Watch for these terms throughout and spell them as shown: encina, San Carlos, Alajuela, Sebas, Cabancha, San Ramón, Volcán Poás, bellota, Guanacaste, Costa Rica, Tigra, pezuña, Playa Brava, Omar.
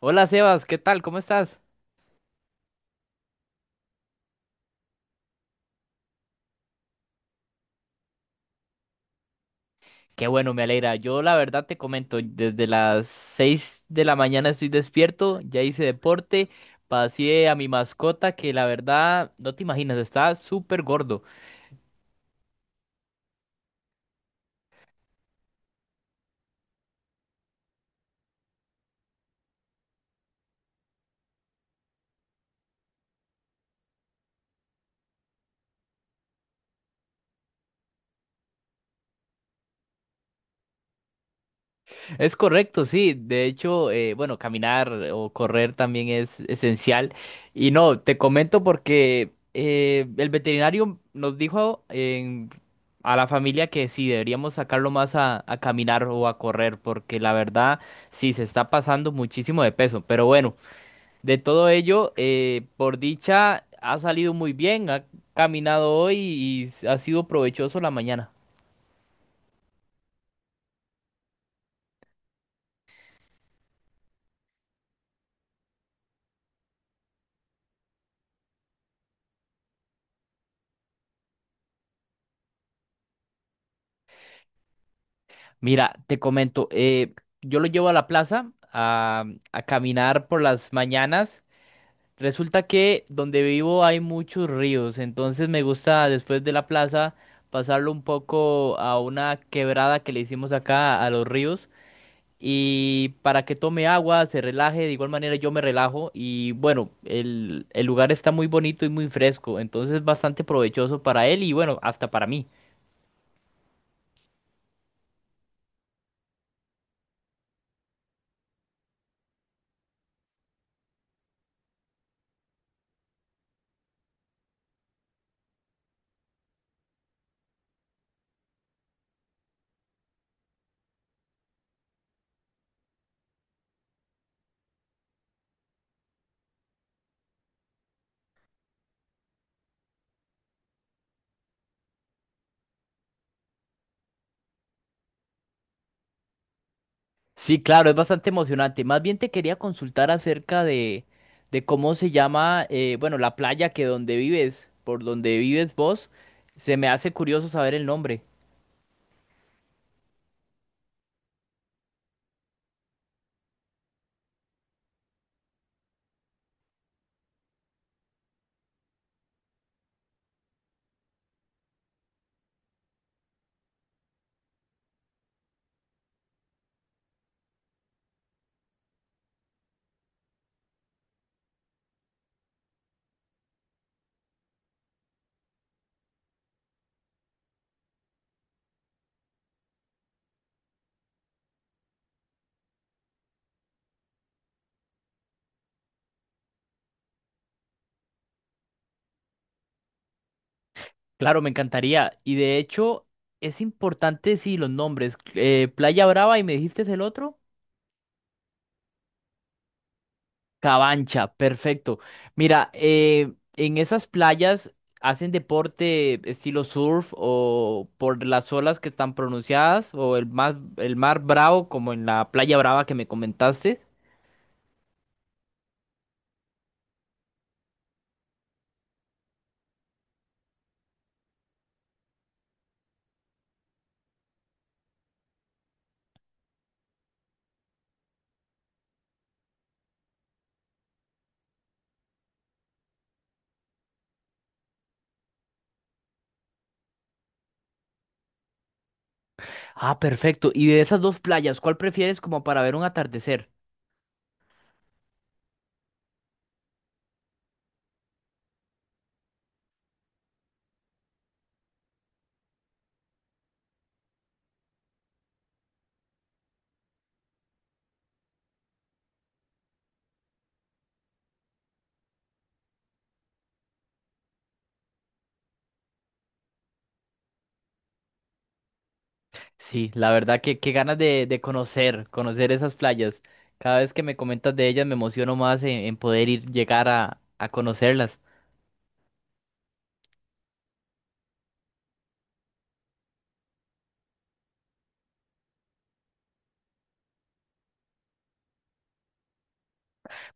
Hola Sebas, ¿qué tal? ¿Cómo estás? Qué bueno, me alegra. Yo la verdad te comento, desde las 6 de la mañana estoy despierto, ya hice deporte, pasé a mi mascota que la verdad no te imaginas, está súper gordo. Es correcto, sí. De hecho, bueno, caminar o correr también es esencial. Y no, te comento porque el veterinario nos dijo a la familia que sí, deberíamos sacarlo más a caminar o a correr, porque la verdad sí se está pasando muchísimo de peso. Pero bueno, de todo ello, por dicha, ha salido muy bien, ha caminado hoy y ha sido provechoso la mañana. Mira, te comento, yo lo llevo a la plaza a caminar por las mañanas. Resulta que donde vivo hay muchos ríos, entonces me gusta después de la plaza pasarlo un poco a una quebrada que le hicimos acá a los ríos y para que tome agua, se relaje, de igual manera yo me relajo y bueno, el lugar está muy bonito y muy fresco, entonces es bastante provechoso para él y bueno, hasta para mí. Sí, claro, es bastante emocionante. Más bien te quería consultar acerca de cómo se llama, bueno, la playa que donde vives, por donde vives vos, se me hace curioso saber el nombre. Claro, me encantaría. Y de hecho, es importante, sí, los nombres. Playa Brava y me dijiste el otro. Cabancha, perfecto. Mira, en esas playas hacen deporte estilo surf o por las olas que están pronunciadas o el mar bravo como en la Playa Brava que me comentaste. Ah, perfecto. Y de esas dos playas, ¿cuál prefieres como para ver un atardecer? Sí, la verdad que qué ganas de conocer esas playas. Cada vez que me comentas de ellas me emociono más en poder ir, llegar a conocerlas.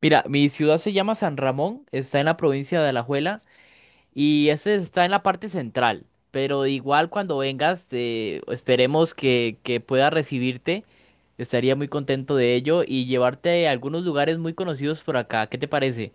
Mira, mi ciudad se llama San Ramón, está en la provincia de Alajuela. Y ese está en la parte central. Pero igual cuando vengas, esperemos que pueda recibirte. Estaría muy contento de ello y llevarte a algunos lugares muy conocidos por acá. ¿Qué te parece?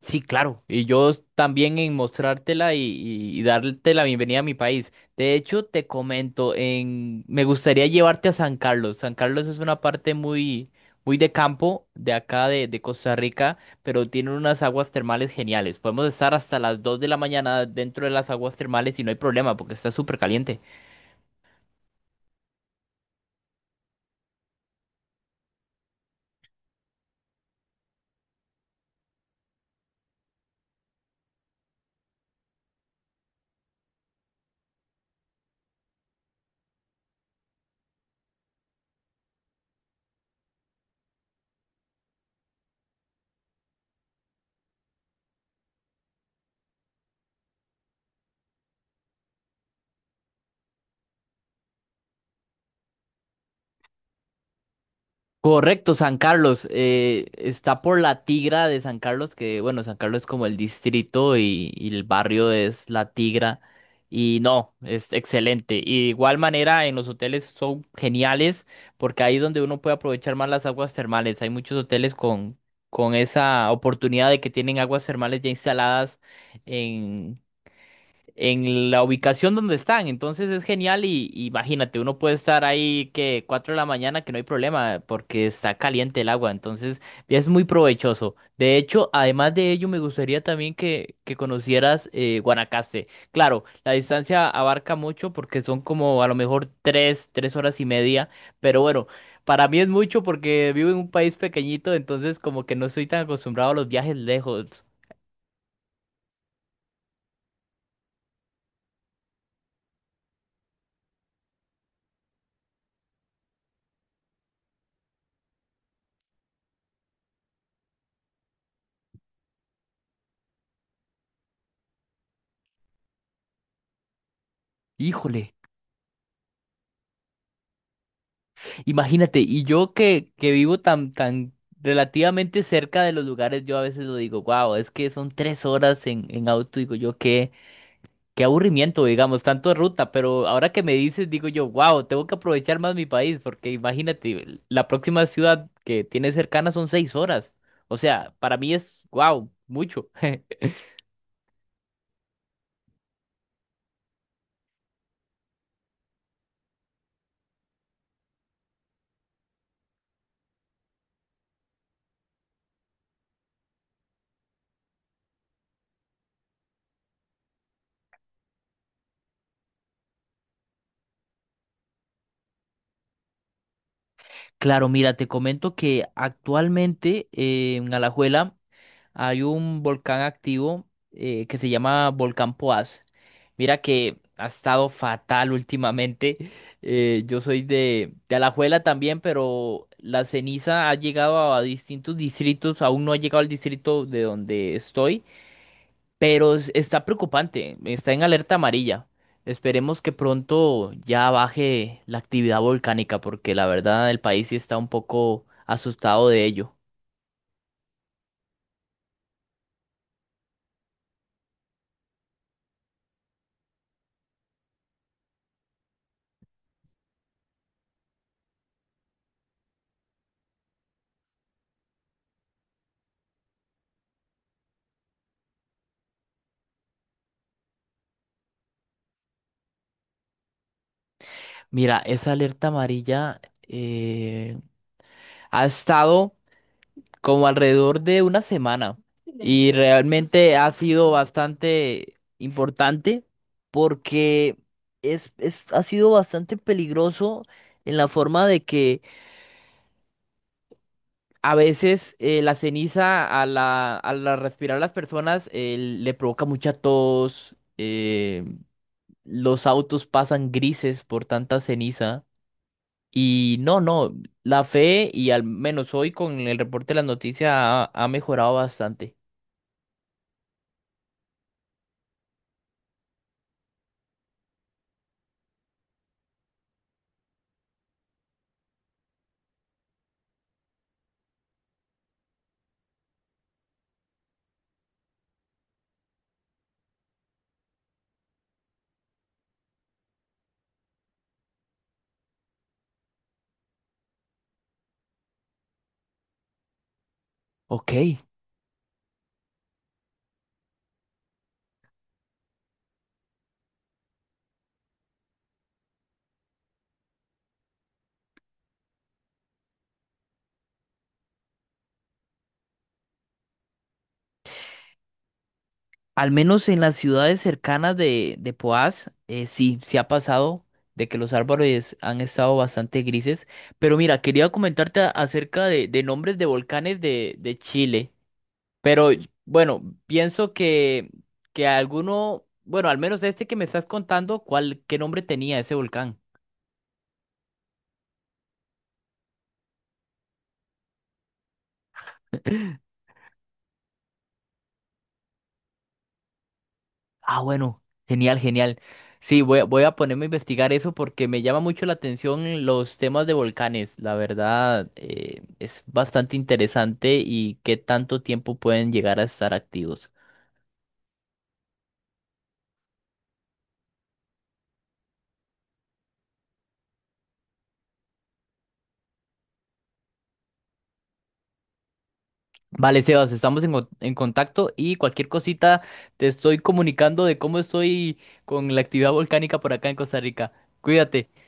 Sí, claro. Y yo también en mostrártela y darte la bienvenida a mi país. De hecho, te comento, en... me gustaría llevarte a San Carlos. San Carlos es una parte muy, muy de campo de acá de Costa Rica, pero tiene unas aguas termales geniales. Podemos estar hasta las 2 de la mañana dentro de las aguas termales y no hay problema porque está súper caliente. Correcto, San Carlos. Está por la Tigra de San Carlos, que bueno, San Carlos es como el distrito y el barrio es la Tigra. Y no, es excelente. Y de igual manera, en los hoteles son geniales porque ahí es donde uno puede aprovechar más las aguas termales. Hay muchos hoteles con esa oportunidad de que tienen aguas termales ya instaladas en la ubicación donde están. Entonces es genial y imagínate, uno puede estar ahí que 4 de la mañana que no hay problema porque está caliente el agua. Entonces es muy provechoso. De hecho, además de ello, me gustaría también que conocieras Guanacaste. Claro, la distancia abarca mucho porque son como a lo mejor tres horas y media, pero bueno. Para mí es mucho porque vivo en un país pequeñito, entonces como que no estoy tan acostumbrado a los viajes lejos. Híjole. Imagínate, y yo que vivo tan relativamente cerca de los lugares, yo a veces lo digo, wow, es que son 3 horas en auto, digo yo, qué aburrimiento, digamos, tanto de ruta, pero ahora que me dices, digo yo, wow, tengo que aprovechar más mi país, porque imagínate, la próxima ciudad que tiene cercana son 6 horas, o sea, para mí es, wow, mucho. Claro, mira, te comento que actualmente en Alajuela hay un volcán activo que se llama Volcán Poás. Mira que ha estado fatal últimamente. Yo soy de Alajuela también, pero la ceniza ha llegado a distintos distritos. Aún no ha llegado al distrito de donde estoy, pero está preocupante. Está en alerta amarilla. Esperemos que pronto ya baje la actividad volcánica, porque la verdad el país sí está un poco asustado de ello. Mira, esa alerta amarilla eh, ha estado como alrededor de una semana y realmente ha sido bastante importante porque ha sido bastante peligroso en la forma de que a veces la ceniza a la respirar las personas le provoca mucha tos, los autos pasan grises por tanta ceniza. Y no, no, la fe y al menos hoy con el reporte de las noticias ha mejorado bastante. Ok. Al menos en las ciudades cercanas de Poás, sí, sí ha pasado de que los árboles han estado bastante grises. Pero mira, quería comentarte acerca de nombres de volcanes de Chile. Pero bueno, pienso que alguno, bueno, al menos este que me estás contando, ¿cuál, qué nombre tenía ese volcán? Ah, bueno, genial, genial. Sí, voy a ponerme a investigar eso porque me llama mucho la atención los temas de volcanes. La verdad, es bastante interesante y qué tanto tiempo pueden llegar a estar activos. Vale, Sebas, estamos en contacto y cualquier cosita te estoy comunicando de cómo estoy con la actividad volcánica por acá en Costa Rica. Cuídate.